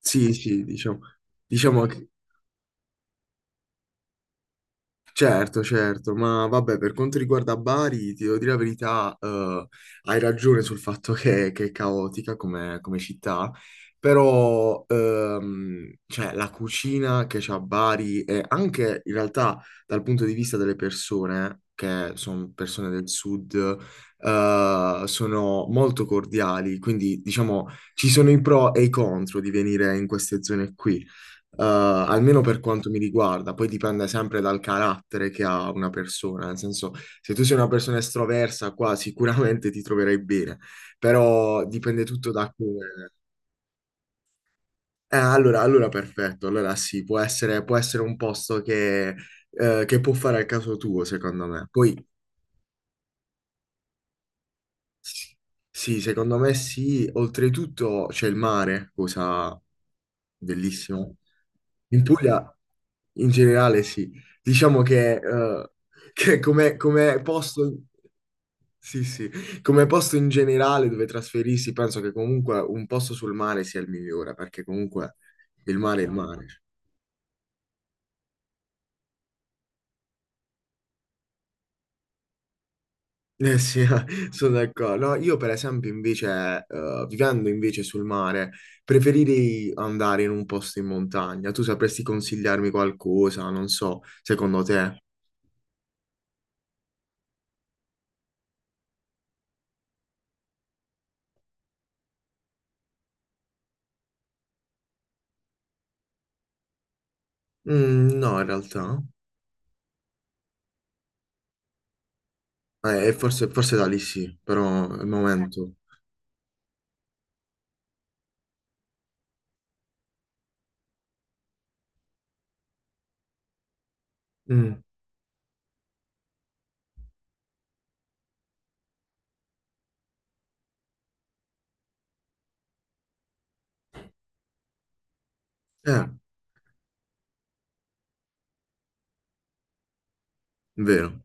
Sì, sì, diciamo che certo, certo, ma vabbè, per quanto riguarda Bari, ti devo dire la verità, hai ragione sul fatto che, è caotica come città, però cioè, la cucina che c'ha Bari e anche in realtà dal punto di vista delle persone, che sono persone del sud, sono molto cordiali, quindi diciamo ci sono i pro e i contro di venire in queste zone qui. Almeno per quanto mi riguarda, poi dipende sempre dal carattere che ha una persona, nel senso, se tu sei una persona estroversa, qua sicuramente ti troverai bene, però dipende tutto da come. Allora, perfetto, allora sì, può essere un posto che può fare al caso tuo, secondo me. Poi. Sì, sì, secondo me sì. Oltretutto c'è il mare, cosa bellissima. In Puglia, in generale, sì. Diciamo che come posto, sì, sì, come posto in generale dove trasferirsi, penso che comunque un posto sul mare sia il migliore, perché comunque il mare è il mare. Eh sì, sono d'accordo. No, io per esempio invece, vivendo invece sul mare, preferirei andare in un posto in montagna. Tu sapresti consigliarmi qualcosa, non so, secondo te? Mm, no, in realtà. Forse, forse da lì sì, però al momento. Mm, eh, vero.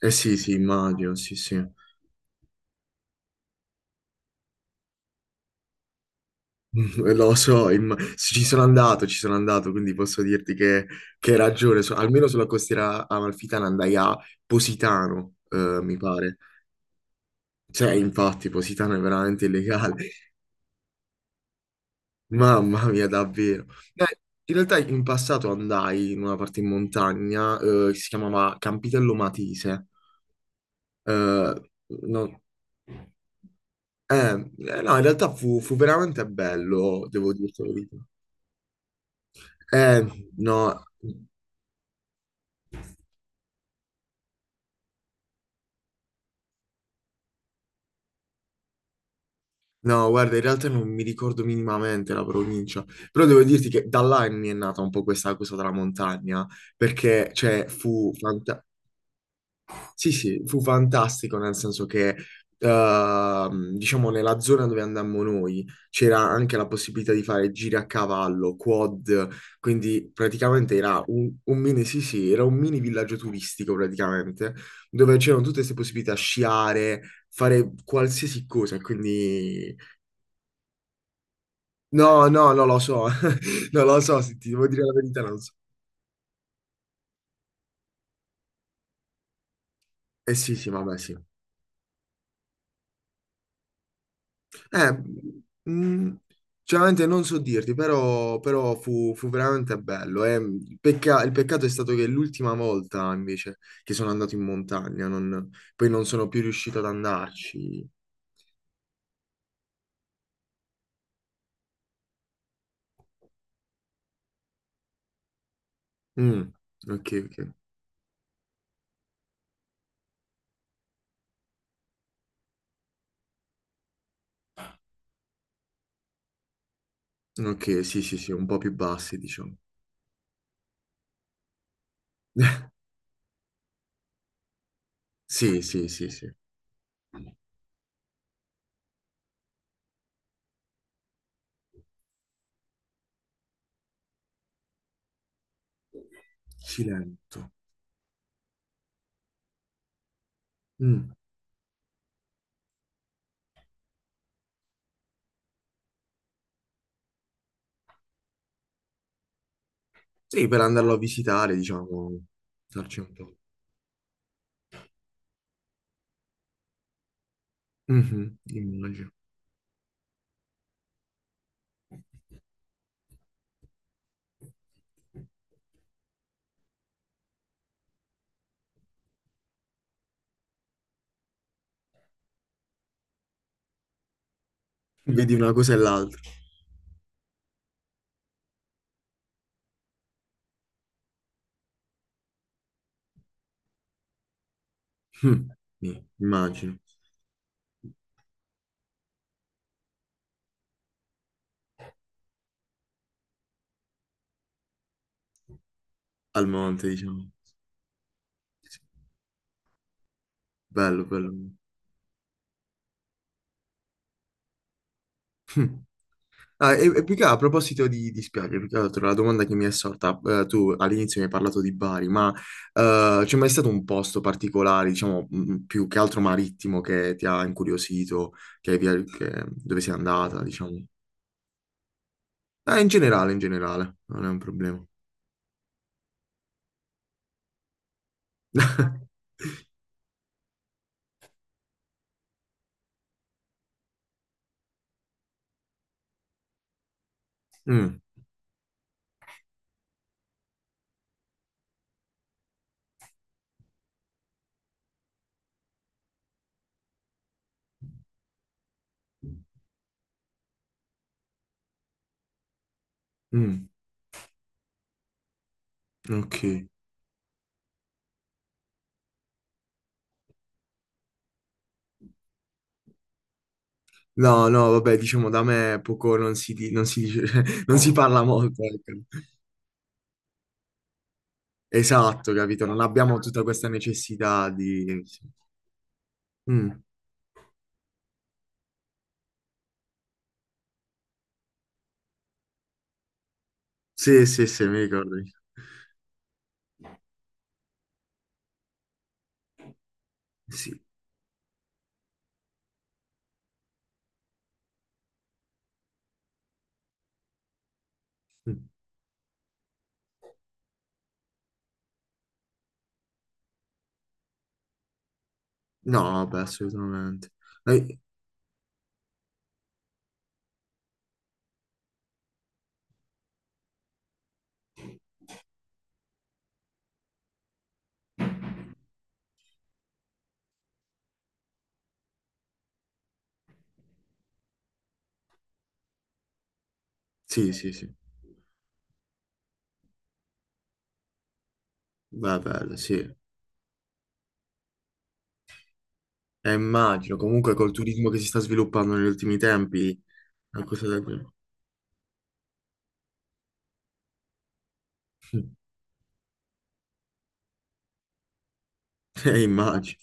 Eh sì, sì, immagino, sì, sì. Mm, lo so, ci sono andato, quindi posso dirti che, hai ragione, almeno sulla costiera amalfitana andai a Positano, mi pare. Cioè, infatti, Positano è veramente illegale, mamma mia, davvero. Eh, in realtà in passato andai in una parte in montagna, che si chiamava Campitello Matese, eh, no- eh, eh, no, in realtà fu veramente bello, devo dirti la verità. Eh, no. No, guarda, in realtà non mi ricordo minimamente la provincia, però devo dirti che da là mi è nata un po' questa cosa della montagna, perché, cioè, sì, sì, fu fantastico nel senso che, diciamo, nella zona dove andammo noi c'era anche la possibilità di fare giri a cavallo, quad, quindi praticamente era un mini, sì, sì, era un mini villaggio turistico praticamente, dove c'erano tutte queste possibilità, sciare, fare qualsiasi cosa, e quindi. No, no, non lo so, non lo so, se ti devo dire la verità, non so. Eh sì, sì, vabbè, sì. Eh, mm, Sinceramente non so dirti, però fu veramente bello. Il peccato è stato che l'ultima volta, invece, che sono andato in montagna, poi non sono più riuscito ad andarci. Mm, ok, ok. Ok, sì, sì, sì, un po' più bassi, diciamo. Sì, sì, sì, sì. Silento. Mm. Sì, per andarlo a visitare, diciamo, starci un po'. Mhm, immagino. Vedi una cosa e l'altra. Mm, sì, immagino. Al monte, diciamo. Sì, bello, bello. Ah, e più che a proposito di spiagge, più che altro la domanda che mi è sorta, tu all'inizio mi hai parlato di Bari, ma c'è mai stato un posto particolare, diciamo, più che altro marittimo che ti ha incuriosito, che hai via- che- dove sei andata, diciamo? In generale, non è un problema. Mm, mm, ok. No, no, vabbè, diciamo da me poco, non si dice, cioè, non si parla molto, ecco. Esatto, capito? Non abbiamo tutta questa necessità di, sì. Mm. Sì, sì, sì, mi ricordo. Sì. Mm. No, vabbè, assolutamente. Eh, sì, sì, sì. Beh, bello, sì. E immagino, comunque col turismo che si sta sviluppando negli ultimi tempi, una cosa da. Immagino.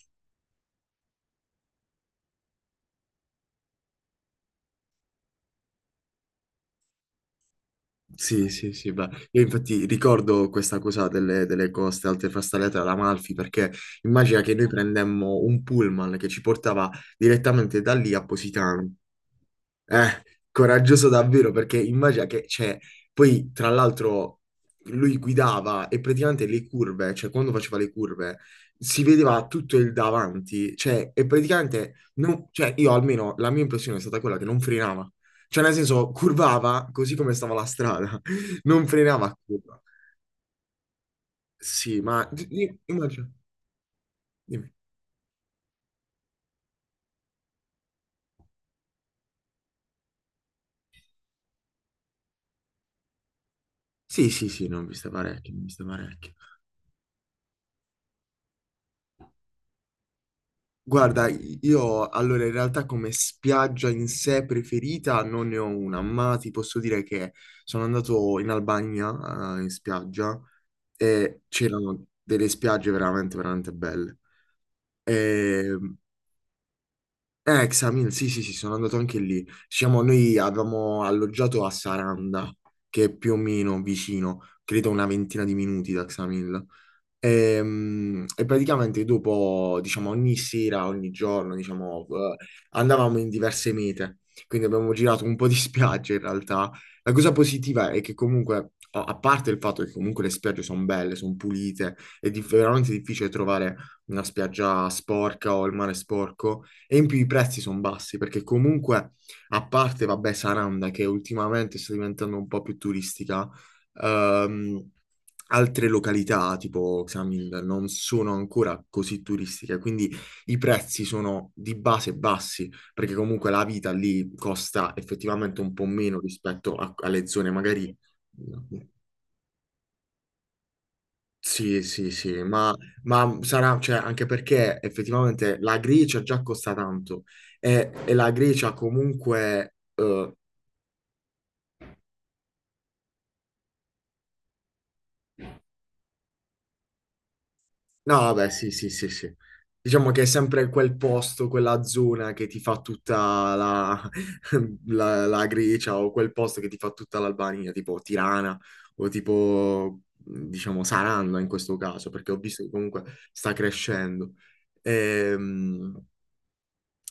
Sì, sì, sì, beh, io infatti ricordo questa cosa delle coste alte frastagliate all'Amalfi perché immagina che noi prendemmo un pullman che ci portava direttamente da lì a Positano. Eh, coraggioso davvero perché immagina che, cioè, poi tra l'altro lui guidava e praticamente le curve, cioè quando faceva le curve, si vedeva tutto il davanti, cioè, e praticamente, cioè, io almeno la mia impressione è stata quella che non frenava. Cioè, nel senso, curvava così come stava la strada, non frenava a curva. Sì, ma immagino. Dimmi. Sì, sì, sì, ne ho viste parecchie, ne ho viste parecchie. Guarda, io allora in realtà come spiaggia in sé preferita non ne ho una, ma ti posso dire che sono andato in Albania, in spiaggia, e c'erano delle spiagge veramente, veramente belle. E, Xamil, sì, sì, sì, sono andato anche lì. Diciamo, noi avevamo alloggiato a Saranda, che è più o meno vicino, credo una ventina di minuti da Xamil. E, praticamente dopo, diciamo, ogni sera, ogni giorno, diciamo, andavamo in diverse mete, quindi abbiamo girato un po' di spiagge in realtà. La cosa positiva è che comunque, a parte il fatto che comunque le spiagge sono belle, sono pulite, è veramente difficile trovare una spiaggia sporca o il mare sporco, e in più i prezzi sono bassi, perché comunque, a parte, vabbè, Saranda, che ultimamente sta diventando un po' più turistica, Ehm, altre località tipo Xamil non sono ancora così turistiche, quindi i prezzi sono di base bassi, perché comunque la vita lì costa effettivamente un po' meno rispetto alle zone magari. Sì, sì, sì, ma, sarà, cioè, anche perché effettivamente la Grecia già costa tanto e la Grecia comunque. No, vabbè, sì, sì, sì, sì. Diciamo che è sempre quel posto, quella zona che ti fa tutta la Grecia o quel posto che ti fa tutta l'Albania, tipo Tirana o tipo, diciamo, Saranno in questo caso, perché ho visto che comunque sta crescendo. Ehm,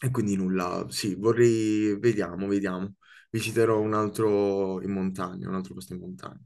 E, quindi nulla, sì, vorrei, vediamo, vediamo. Visiterò un altro in montagna, un altro posto in montagna.